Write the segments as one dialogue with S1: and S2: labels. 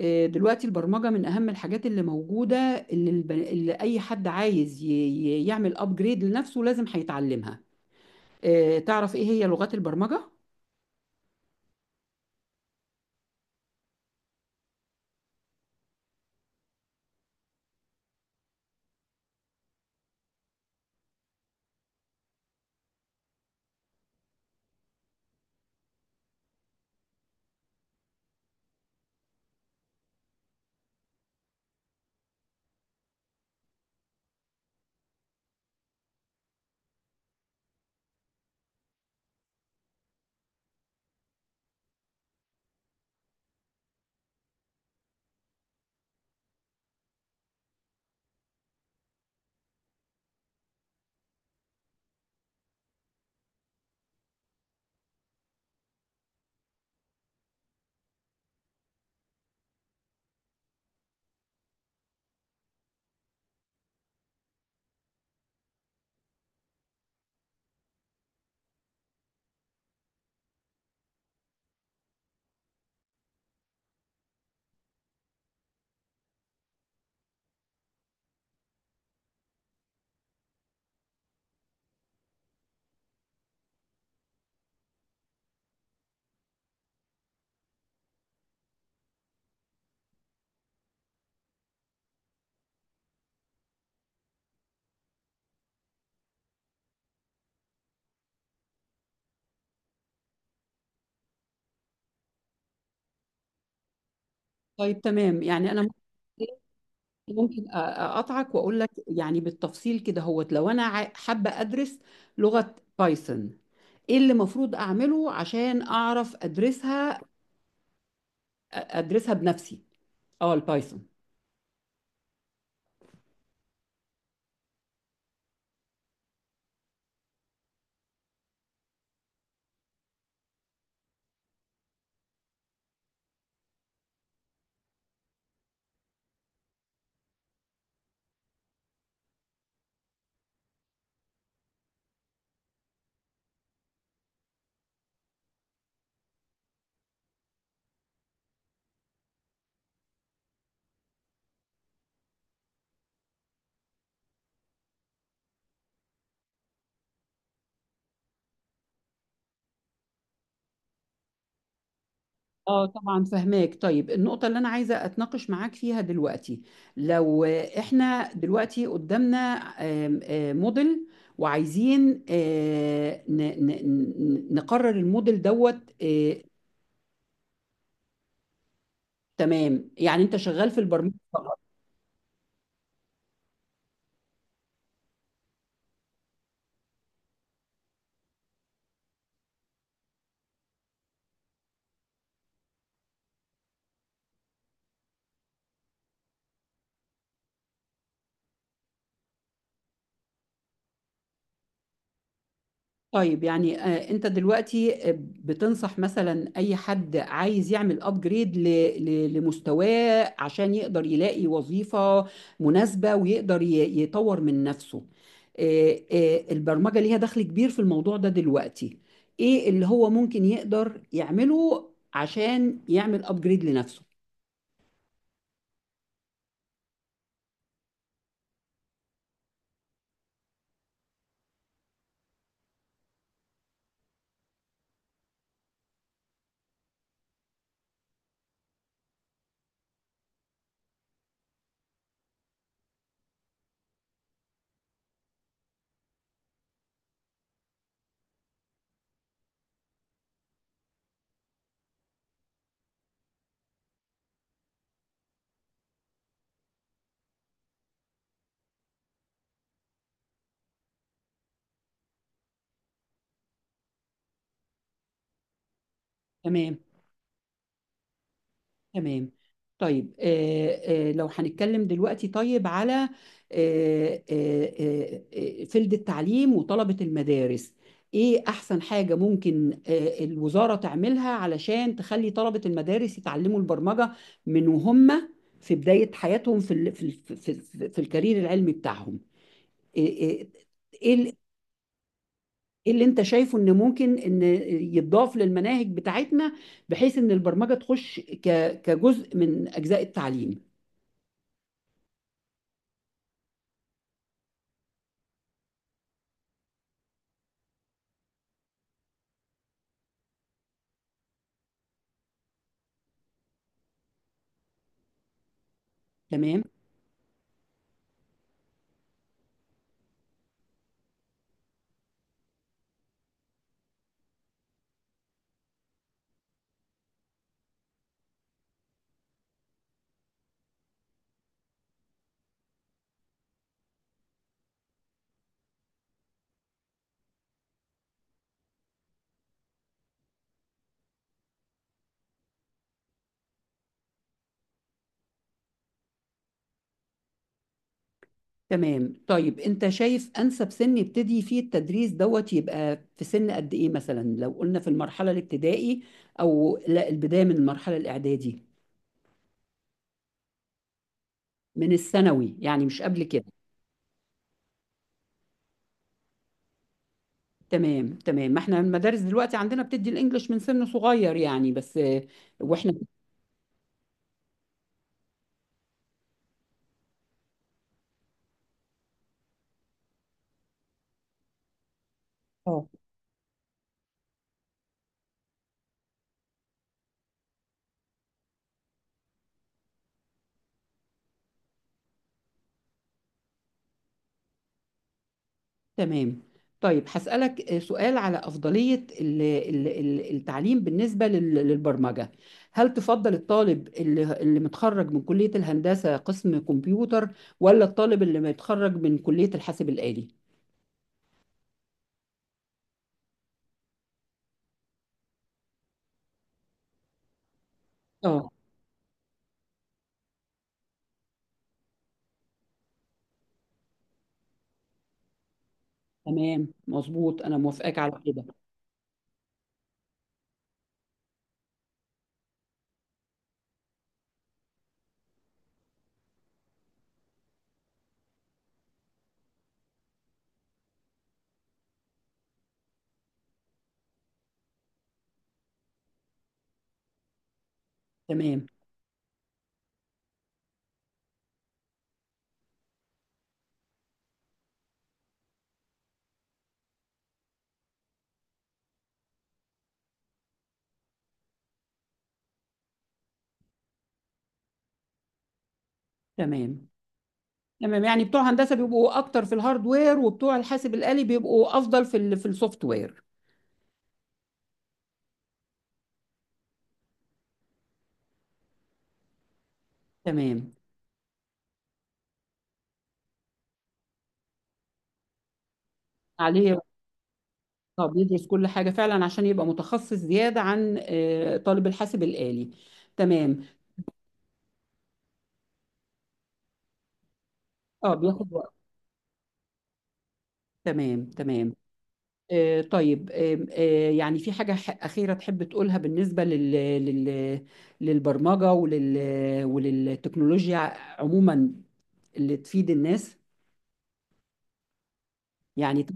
S1: دلوقتي البرمجة من أهم الحاجات اللي موجودة، اللي أي حد عايز يعمل أبجريد لنفسه لازم هيتعلمها. تعرف إيه هي لغات البرمجة؟ طيب، تمام. يعني أنا ممكن أقطعك وأقول لك يعني بالتفصيل كده هوت. لو أنا حابة أدرس لغة بايثون، إيه اللي المفروض أعمله عشان أعرف أدرسها أدرسها بنفسي؟ أه، البايثون. اه، طبعا فهماك. طيب، النقطة اللي أنا عايزة أتناقش معاك فيها دلوقتي، لو إحنا دلوقتي قدامنا آم، آه، موديل وعايزين نقرر الموديل دوت. آه، تمام. يعني أنت شغال في البرمجة. طيب، يعني انت دلوقتي بتنصح مثلا اي حد عايز يعمل ابجريد لمستواه عشان يقدر يلاقي وظيفة مناسبة، ويقدر يطور من نفسه. البرمجة ليها دخل كبير في الموضوع ده دلوقتي. ايه اللي هو ممكن يقدر يعمله عشان يعمل ابجريد لنفسه؟ تمام، تمام. طيب، لو هنتكلم دلوقتي طيب على آه، آه، فيلد التعليم وطلبة المدارس، ايه احسن حاجة ممكن الوزارة تعملها علشان تخلي طلبة المدارس يتعلموا البرمجة من وهم في بداية حياتهم، في في الكارير العلمي بتاعهم؟ ايه إيه- إيه ال- إيه اللي انت شايفه ان ممكن ان يتضاف للمناهج بتاعتنا، بحيث ان البرمجة تخش كجزء من اجزاء التعليم. تمام، تمام. طيب، انت شايف انسب سن يبتدي فيه التدريس دوت يبقى في سن قد ايه؟ مثلا لو قلنا في المرحله الابتدائي، او لا البدايه من المرحله الاعدادي؟ من الثانوي، يعني مش قبل كده؟ تمام، تمام. ما احنا المدارس دلوقتي عندنا بتدي الانجليش من سن صغير يعني، بس واحنا. اه. تمام، طيب هسألك سؤال على أفضلية التعليم بالنسبة للبرمجة. هل تفضل الطالب اللي متخرج من كلية الهندسة قسم كمبيوتر، ولا الطالب اللي متخرج من كلية الحاسب الآلي؟ اه. تمام مظبوط، أنا موافقاك على كده. تمام، تمام. تمام، يعني بتوع هندسة بيبقوا أكتر في الهاردوير، وبتوع الحاسب الآلي بيبقوا أفضل في السوفت وير. تمام. عليه. اه، بيدرس كل حاجة فعلا عشان يبقى متخصص زيادة عن طالب الحاسب الآلي. تمام. اه، بياخد وقت. تمام، تمام. طيب، آم، آه، يعني في حاجة أخيرة تحب تقولها بالنسبة لل... للبرمجة وللتكنولوجيا عموما، اللي تفيد الناس يعني؟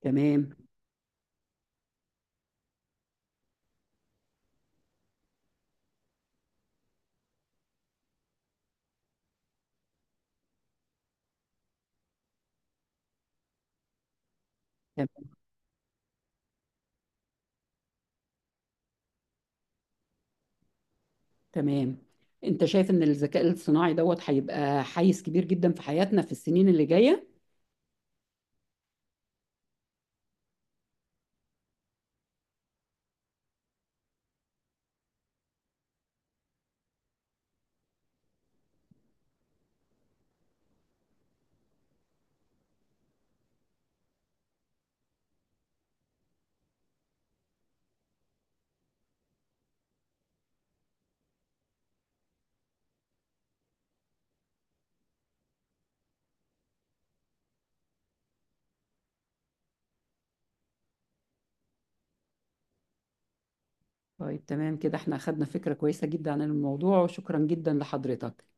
S1: تمام، تمام. تمام، انت شايف ان الذكاء الصناعي دوت هيبقى حيز كبير جدا في حياتنا في السنين اللي جاية؟ طيب، تمام كده. احنا أخدنا فكرة كويسة جدا عن الموضوع، وشكرا جدا لحضرتك.